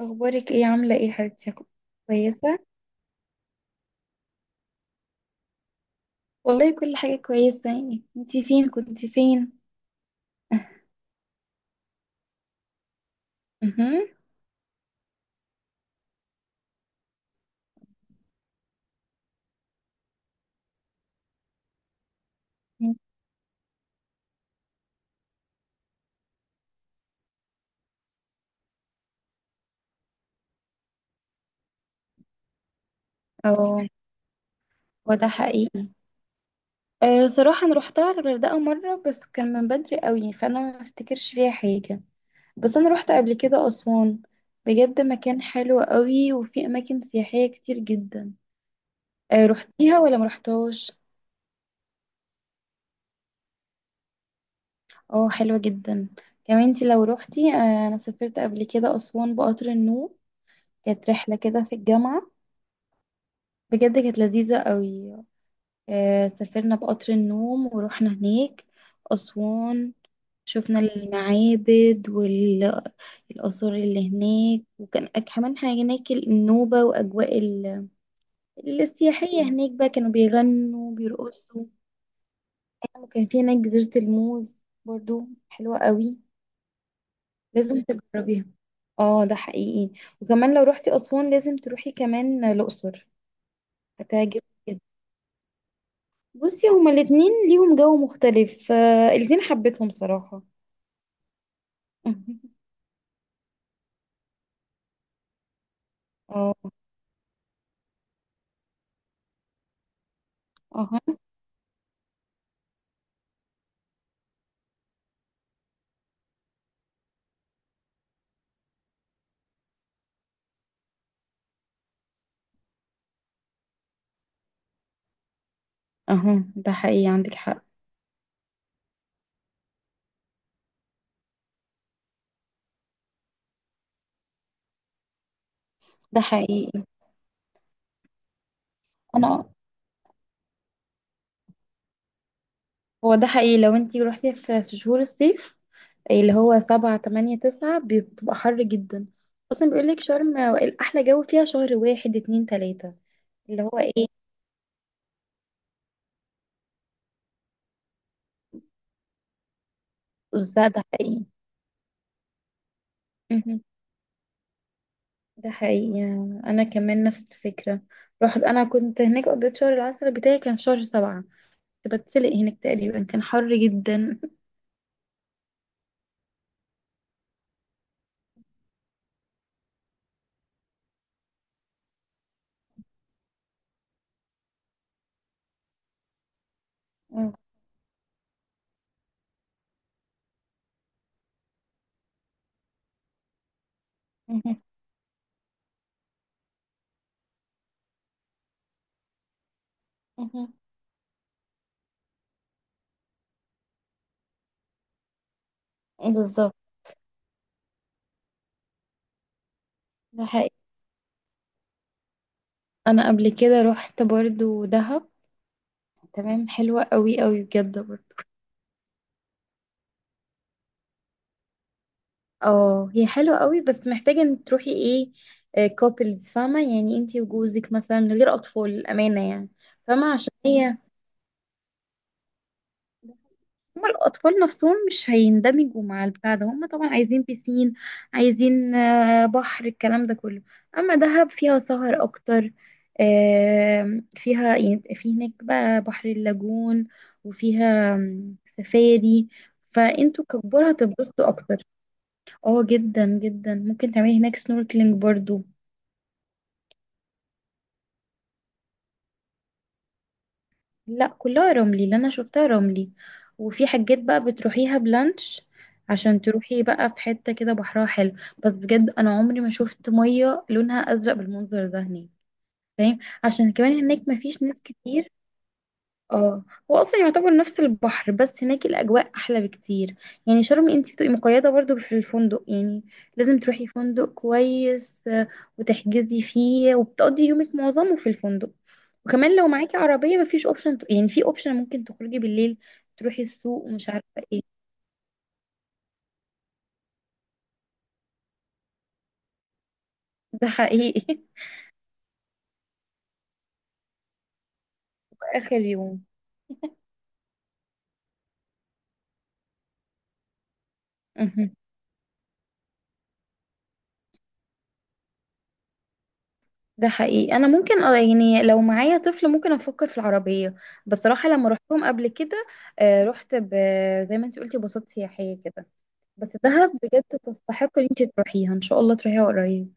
اخبارك ايه؟ عامله ايه حبيبتي؟ كويسه. والله كل حاجة كويسة، يعني انتي فين؟ كنت فين؟ اها. اه، هو ده حقيقي. أه صراحة انا روحتها الغردقة مرة بس كان من بدري قوي فانا ما افتكرش فيها حاجة. بس انا روحت قبل كده اسوان. بجد مكان حلو قوي وفي اماكن سياحية كتير جدا. أه روحتيها ولا ما روحتهاش؟ اه حلوة جدا. كمان انتي لو روحتي، أه انا سافرت قبل كده اسوان بقطر النوم. كانت رحلة كده في الجامعة. بجد كانت لذيذة قوي. سافرنا بقطر النوم ورحنا هناك أسوان. شفنا المعابد والآثار اللي هناك، وكان كمان حاجة هناك النوبة وأجواء السياحية هناك بقى كانوا بيغنوا بيرقصوا. وكان في هناك جزيرة الموز برضو حلوة قوي. لازم تجربيها. اه ده حقيقي. وكمان لو روحتي أسوان لازم تروحي كمان الأقصر. هتعجبك. بصي هما الاتنين ليهم جو مختلف، الاتنين حبيتهم صراحة. اه. اه. اه ده حقيقي عندك حق. ده حقيقي. انا. هو ده حقيقي لو انتي روحتي في شهور الصيف اللي هو سبعة تمانية تسعة بتبقى حر جدا. اصلا بيقولك شرم احلى جو فيها شهر واحد اتنين تلاتة. اللي هو ايه. ده حقيقي. مهم. ده حقيقي. انا كمان نفس الفكرة. رحت، انا كنت هناك قضيت شهر العسل بتاعي كان شهر سبعة. كنت بتسلق هناك تقريبا، كان حر جدا. مم. مهم. مهم. بالظبط. ده حقيقي. انا قبل كده رحت برضو دهب. تمام حلوة قوي قوي بجد برضو. اه هي حلوة قوي بس محتاجة ان تروحي ايه، كوبلز فاهمة، يعني انتي وجوزك مثلا من غير اطفال الامانة يعني. فاهمة؟ عشان هي، هما الأطفال نفسهم مش هيندمجوا مع البتاع ده، هما طبعا عايزين بيسين، عايزين بحر، الكلام ده كله. أما دهب فيها سهر أكتر. فيها يعني في هناك بقى بحر اللاجون، وفيها سفاري. فانتوا ككبار هتتبسطوا اكتر. اه جدا جدا ممكن تعملي هناك سنوركلينج برضو. لا كلها رملي اللي انا شفتها رملي. وفي حاجات بقى بتروحيها بلانش عشان تروحي بقى في حتة كده بحرها حلو. بس بجد انا عمري ما شفت مية لونها ازرق بالمنظر ده هناك. فاهم؟ عشان كمان هناك مفيش ناس كتير. اه هو اصلا يعتبر نفس البحر بس هناك الاجواء احلى بكتير. يعني شرم انت بتبقي مقيده برضو في الفندق يعني. لازم تروحي فندق كويس، وتحجزي فيه وبتقضي يومك معظمه في الفندق. وكمان لو معاكي عربيه مفيش اوبشن، يعني في اوبشن ممكن تخرجي بالليل تروحي السوق ومش عارفه ايه. ده حقيقي. اخر يوم. ده حقيقي. انا ممكن يعني لو معايا طفل ممكن افكر في العربيه. بصراحه لما رحتهم قبل كده، آه، رحت ب... زي ما انت قلتي باصات سياحيه كده. بس دهب بجد تستحق ان انت تروحيها، ان شاء الله تروحيها قريب.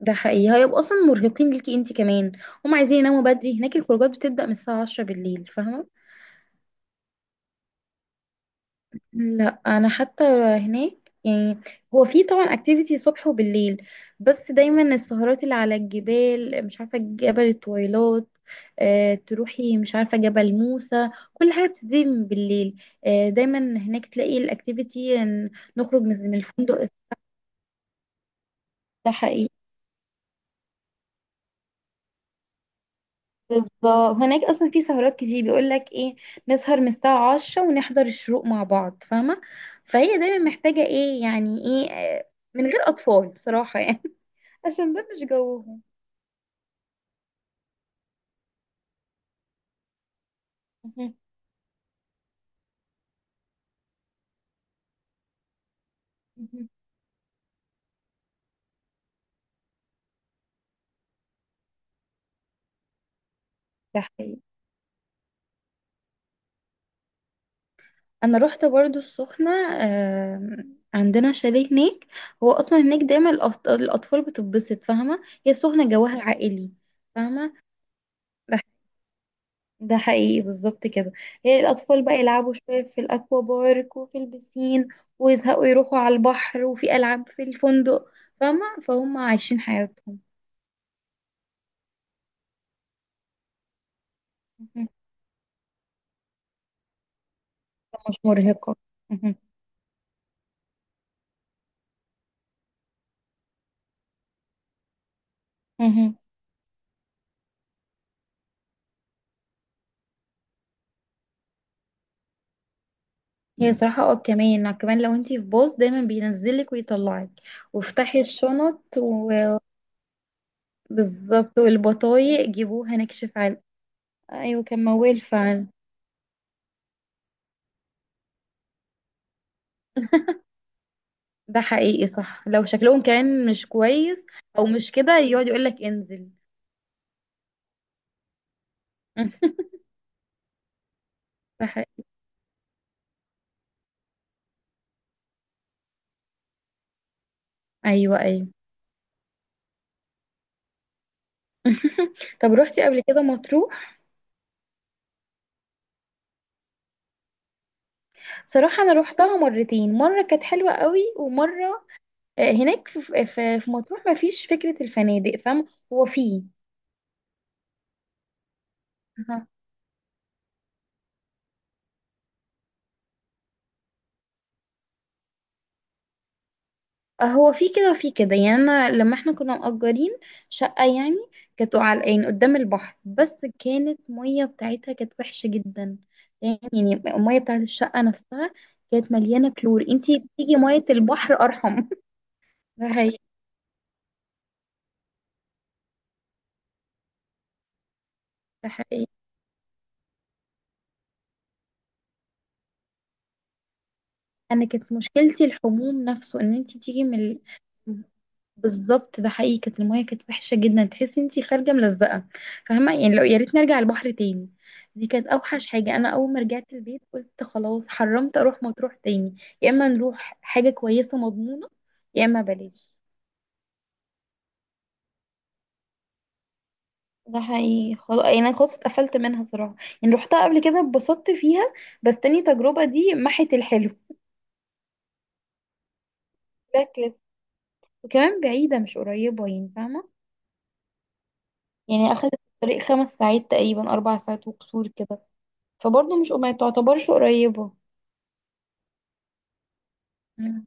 ده حقيقي هيبقوا اصلا مرهقين ليكي انت كمان. هم عايزين يناموا بدري، هناك الخروجات بتبدا من الساعه 10 بالليل فاهمه. لا انا حتى هناك، يعني هو في طبعا اكتيفيتي صبح وبالليل. بس دايما السهرات اللي على الجبال، مش عارفه جبل التويلات، تروحي مش عارفه جبل موسى، كل حاجه بتبتدي من بالليل. دايما هناك تلاقي الاكتيفيتي إن نخرج من الفندق. الصبح ايه. بالظبط هناك اصلا في سهرات كتير بيقول لك ايه، نسهر من الساعه 10 ونحضر الشروق مع بعض فاهمه. فهي دايما محتاجه ايه، يعني ايه، من غير اطفال بصراحه يعني. عشان ده مش جوهم. مهم. مهم. ده حقيقي. انا رحت برضو السخنة، عندنا شاليه هناك. هو اصلا هناك دايما الاطفال بتتبسط، فاهمة؟ هي السخنة جواها عائلي. فاهمة. ده ده حقيقي بالظبط كده. هي الاطفال بقى يلعبوا شوية في الاكوا بارك وفي البسين، ويزهقوا يروحوا على البحر، وفي العاب في الفندق. فاهمة؟ فهم عايشين حياتهم. مهم. مش مرهقة. مهم. مهم. هي صراحة اه، كمان كمان لو انتي في باص دايما بينزلك ويطلعك، وافتحي الشنط، وبالظبط. والبطايق جيبوها نكشف عن. ايوه كان موال فعلا. ده حقيقي صح لو شكلهم كمان مش كويس، او مش كده يقعد يقولك انزل. ده حقيقي. ايوه ايوه. طب روحتي قبل كده مطروح؟ صراحة انا روحتها مرتين، مرة كانت حلوة قوي ومرة، هناك في مطروح ما فيش فكرة الفنادق فاهمة. هو فيه. هو في كده وفي كده، يعني انا لما احنا كنا مأجرين شقة يعني، كانت على يعني قدام البحر، بس كانت مية بتاعتها كانت وحشة جدا. يعني المية بتاعت الشقة نفسها كانت مليانة كلور، انتي بتيجي مية البحر ارحم. ده حقيقي. ده حقيقي. انا كانت مشكلتي الحموم نفسه ان انت تيجي من بالظبط. ده حقيقي كانت المايه كانت وحشه جدا تحسي انت خارجه ملزقه، فاهمه؟ يعني لو يا ريت نرجع البحر تاني. دي كانت اوحش حاجه. انا اول ما رجعت البيت قلت خلاص حرمت اروح مطروح تاني. يا اما نروح حاجه كويسه مضمونه، يا اما بلاش. ده حقيقي خلاص يعني انا خلاص اتقفلت منها صراحه. يعني روحتها قبل كده اتبسطت فيها، بس تاني تجربه دي محت الحلو. شكلت. وكمان بعيده مش قريبه يعني فاهمه. يعني أخدت الطريق خمس ساعات تقريبا، أربع ساعات وكسور كده. فبرضه مش، ما تعتبرش قريبة. مم.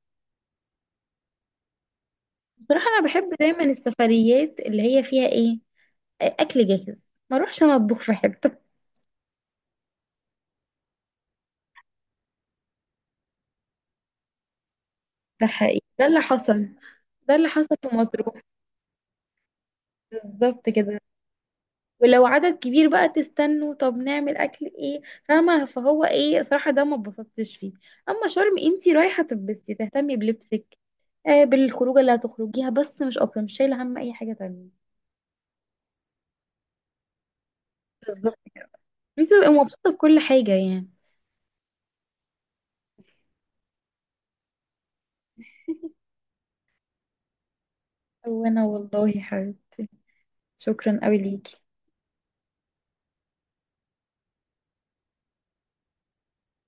بصراحة أنا بحب دايما السفريات اللي هي فيها إيه، أكل جاهز. ما أروحش أنا أطبخ في حتة. ده حقيقي ده اللي حصل. ده اللي حصل في مطروح. بالظبط كده. ولو عدد كبير بقى تستنوا طب نعمل أكل إيه. فاهمة؟ فهو إيه صراحة ده ما اتبسطتش فيه. أما شرم أنتي رايحة تبستي، تهتمي بلبسك، بالخروجة اللي هتخرجيها بس مش أكتر، مش شايلة هم أي حاجة تانية. بالظبط. انت تبقي مبسوطة بكل حاجة يعني. وانا والله يا حبيبتي، شكرا قوي ليكي.